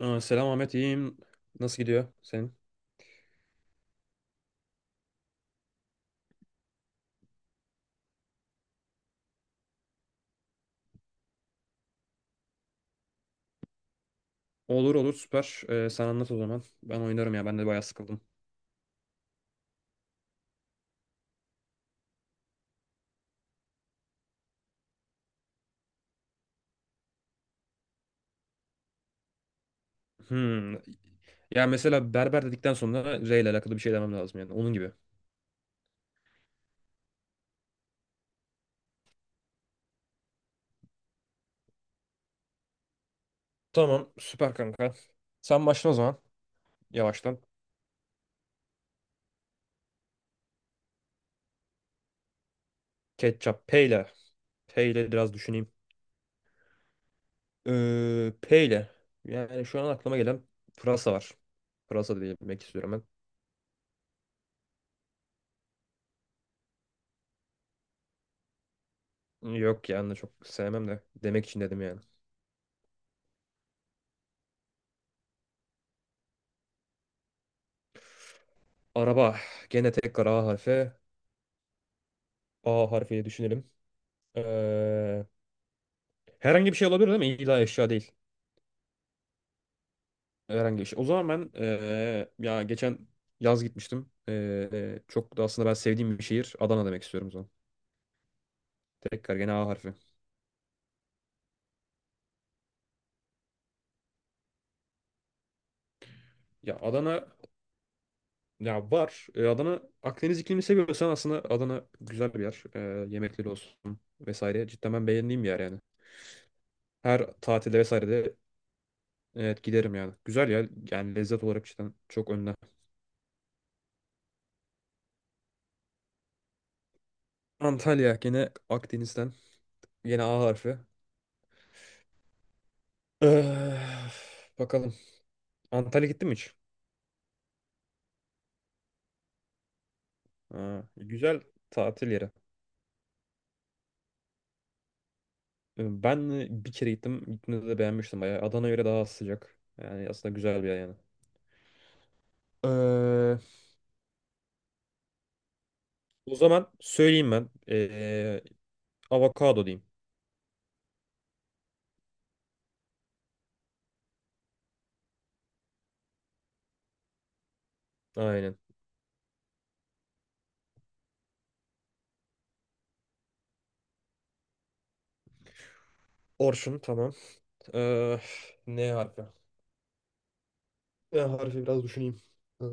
Aa, selam Ahmet, iyiyim. Nasıl gidiyor senin? Olur olur, süper. Sen anlat o zaman. Ben oynarım ya. Ben de bayağı sıkıldım. Hmm. Ya mesela berber dedikten sonra R ile alakalı bir şey demem lazım yani. Onun gibi. Tamam süper kanka. Sen başla o zaman. Yavaştan. Ketçap. P ile. P ile biraz düşüneyim. P ile. Yani şu an aklıma gelen pırasa var. Pırasa demek istiyorum ben. Yok yani, çok sevmem de. Demek için dedim yani. Araba. Gene tekrar A harfi. A harfiyle düşünelim. Eee, Herhangi bir şey olabilir değil mi? İlla eşya değil. Herhangi bir şey. O zaman ben ya geçen yaz gitmiştim. Çok da aslında ben sevdiğim bir şehir. Adana demek istiyorum o zaman. Tekrar gene A harfi. Ya Adana ya var. Adana, Akdeniz iklimini seviyorsan aslında Adana güzel bir yer. Yemekleri olsun vesaire. Cidden ben beğendiğim bir yer yani. Her tatilde vesaire de evet giderim yani. Güzel yer. Yani lezzet olarak cidden çok önde. Antalya gene Akdeniz'den. Yine A harfi. Eh, bakalım. Antalya gittin mi hiç? Ha, güzel tatil yeri. Ben bir kere gittim. Gittiğimde de beğenmiştim bayağı. Adana'ya göre daha az sıcak. Yani aslında güzel bir yer yani. Ee, O zaman söyleyeyim ben. Avokado diyeyim. Aynen. Orçun, tamam. Ee, N harfi. Ne harfi, biraz düşüneyim. Ee,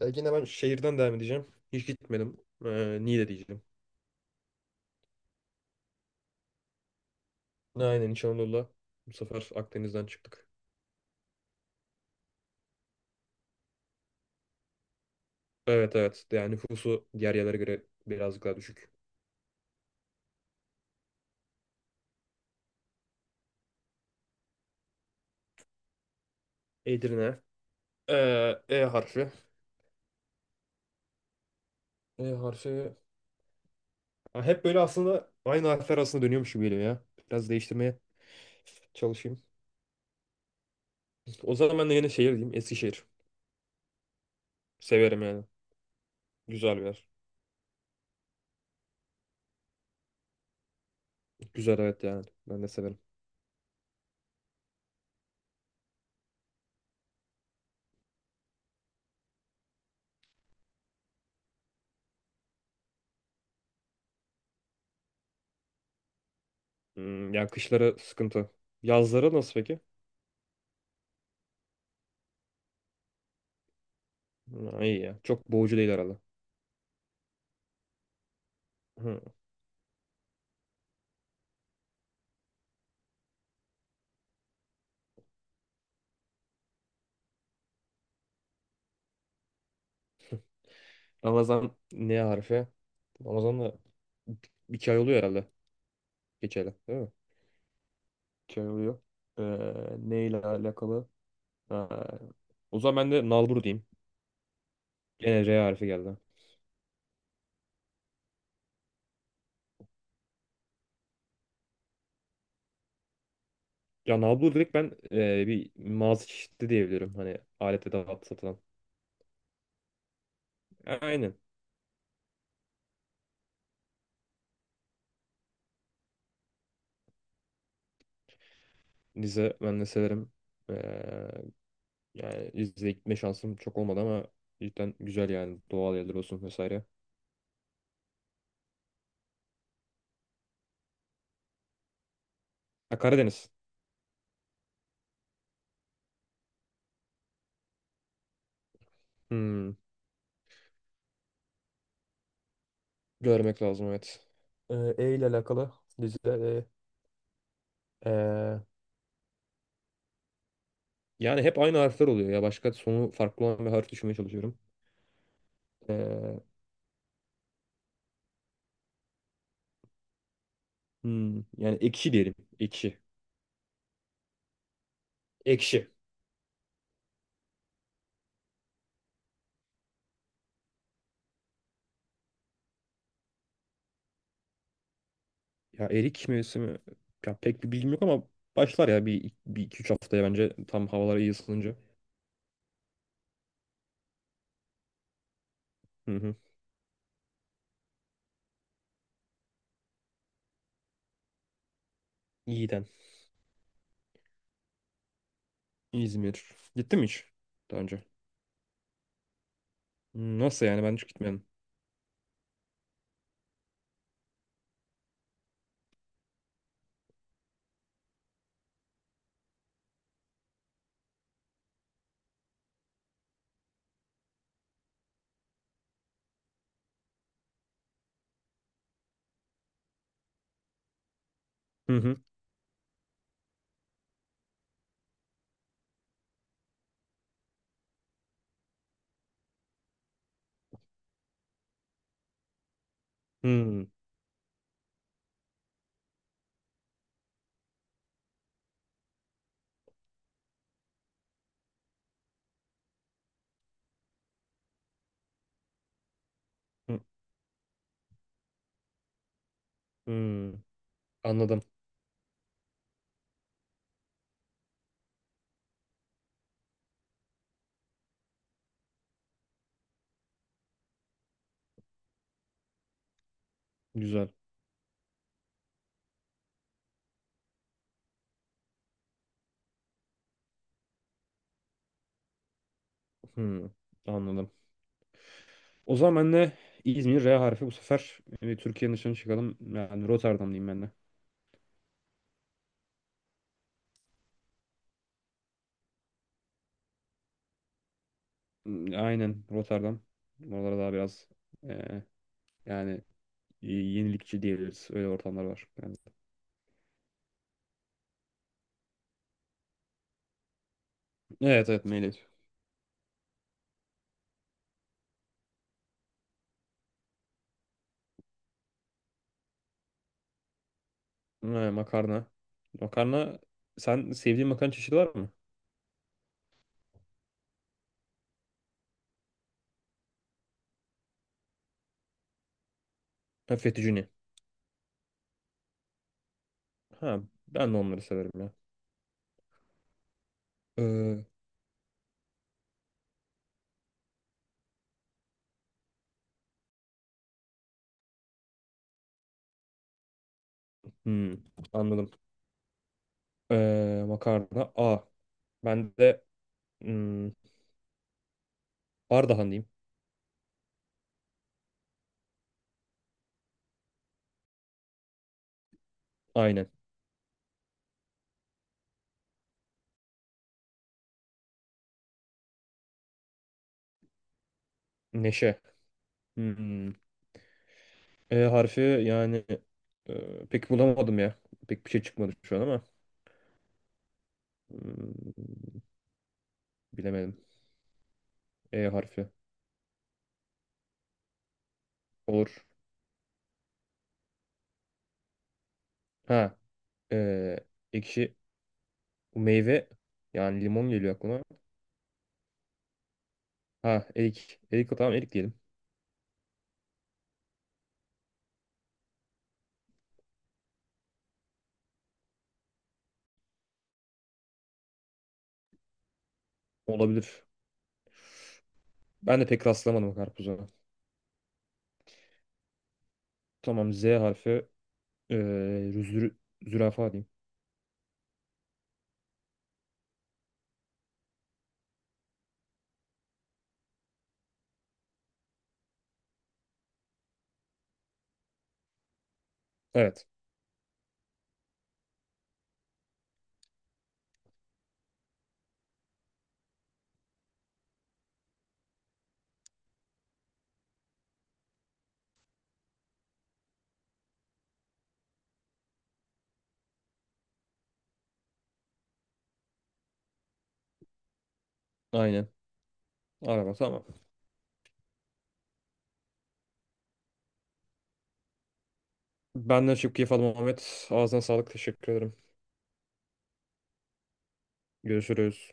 Ya yine ben şehirden devam edeceğim. Hiç gitmedim. Niğde diyeceğim. Aynen, İç Anadolu'da. Bu sefer Akdeniz'den çıktık. Evet, evet. Yani nüfusu diğer yerlere göre birazcık daha düşük. Edirne. E harfi. E harfi. Ha, hep böyle aslında aynı harfler arasında dönüyormuş gibi geliyor ya. Biraz değiştirmeye çalışayım. O zaman ben de yine şehir diyeyim. Eskişehir. Severim yani. Güzel bir yer. Güzel, evet yani. Ben de severim. Ya kışları sıkıntı. Yazları nasıl peki? Ha, iyi ya. Çok boğucu değil herhalde. Hı. Ramazan ne harfi? Ramazan da 2 ay oluyor herhalde. Geçeli. Değil mi? Şey oluyor. Ee, Neyle alakalı? Ha, o zaman ben de nalbur diyeyim. Gene R harfi geldi. Ya nalbur direkt, ben bir mağaza çeşidi diyebilirim. Hani alet edat satılan. Aynen. Rize ben de severim. Ee, Yani Rize'ye gitme şansım çok olmadı ama cidden güzel yani. Doğal yerler olsun vesaire. Ha, Karadeniz. Hmm, Görmek lazım, evet. E ile alakalı. Rize. E, Yani hep aynı harfler oluyor ya. Başka sonu farklı olan bir harf düşünmeye çalışıyorum. Ee, Yani ekşi diyelim. Ekşi. Ekşi. Ya erik mevsimi mi? Ya pek bir bilgim yok ama başlar ya bir iki üç haftaya, bence tam havalar iyi ısınınca. Hı hı. İyiden. İzmir. Gittim mi hiç daha önce? Nasıl yani, ben hiç gitmedim. Hı hı. Hmm, hı, hmm. Anladım. Güzel. Hmm, anladım. O zaman ben de, İzmir R harfi, bu sefer Türkiye'nin dışına çıkalım. Yani Rotterdam diyeyim ben de. Hmm, aynen, Rotterdam. Oralara daha biraz e, yani yenilikçi diyebiliriz. Öyle ortamlar var. Yani. Evet evet, meyve. Ha, makarna. Makarna, sen sevdiğin makarna çeşidi var mı? Ha, fettuccine. Ha, ben de onları severim ya. Ee, hmm, anladım. Makarna A. Ben de, hmm, Ardahan diyeyim. Aynen. Neşe. Hmm. E harfi yani, pek bulamadım ya. Pek bir şey çıkmadı şu an ama. Hmm, Bilemedim. E harfi. Olur. Ha. E, ekşi. Bu meyve yani, limon geliyor aklıma. Ha, erik. Erik, tamam, erik diyelim. Olabilir. Ben de pek rastlamadım karpuza. Tamam, Z harfi. E, zü- Zürafa diyeyim. Evet. Aynen. Araba, tamam. Benden çok keyif aldım Ahmet. Ağzına sağlık. Teşekkür ederim. Görüşürüz.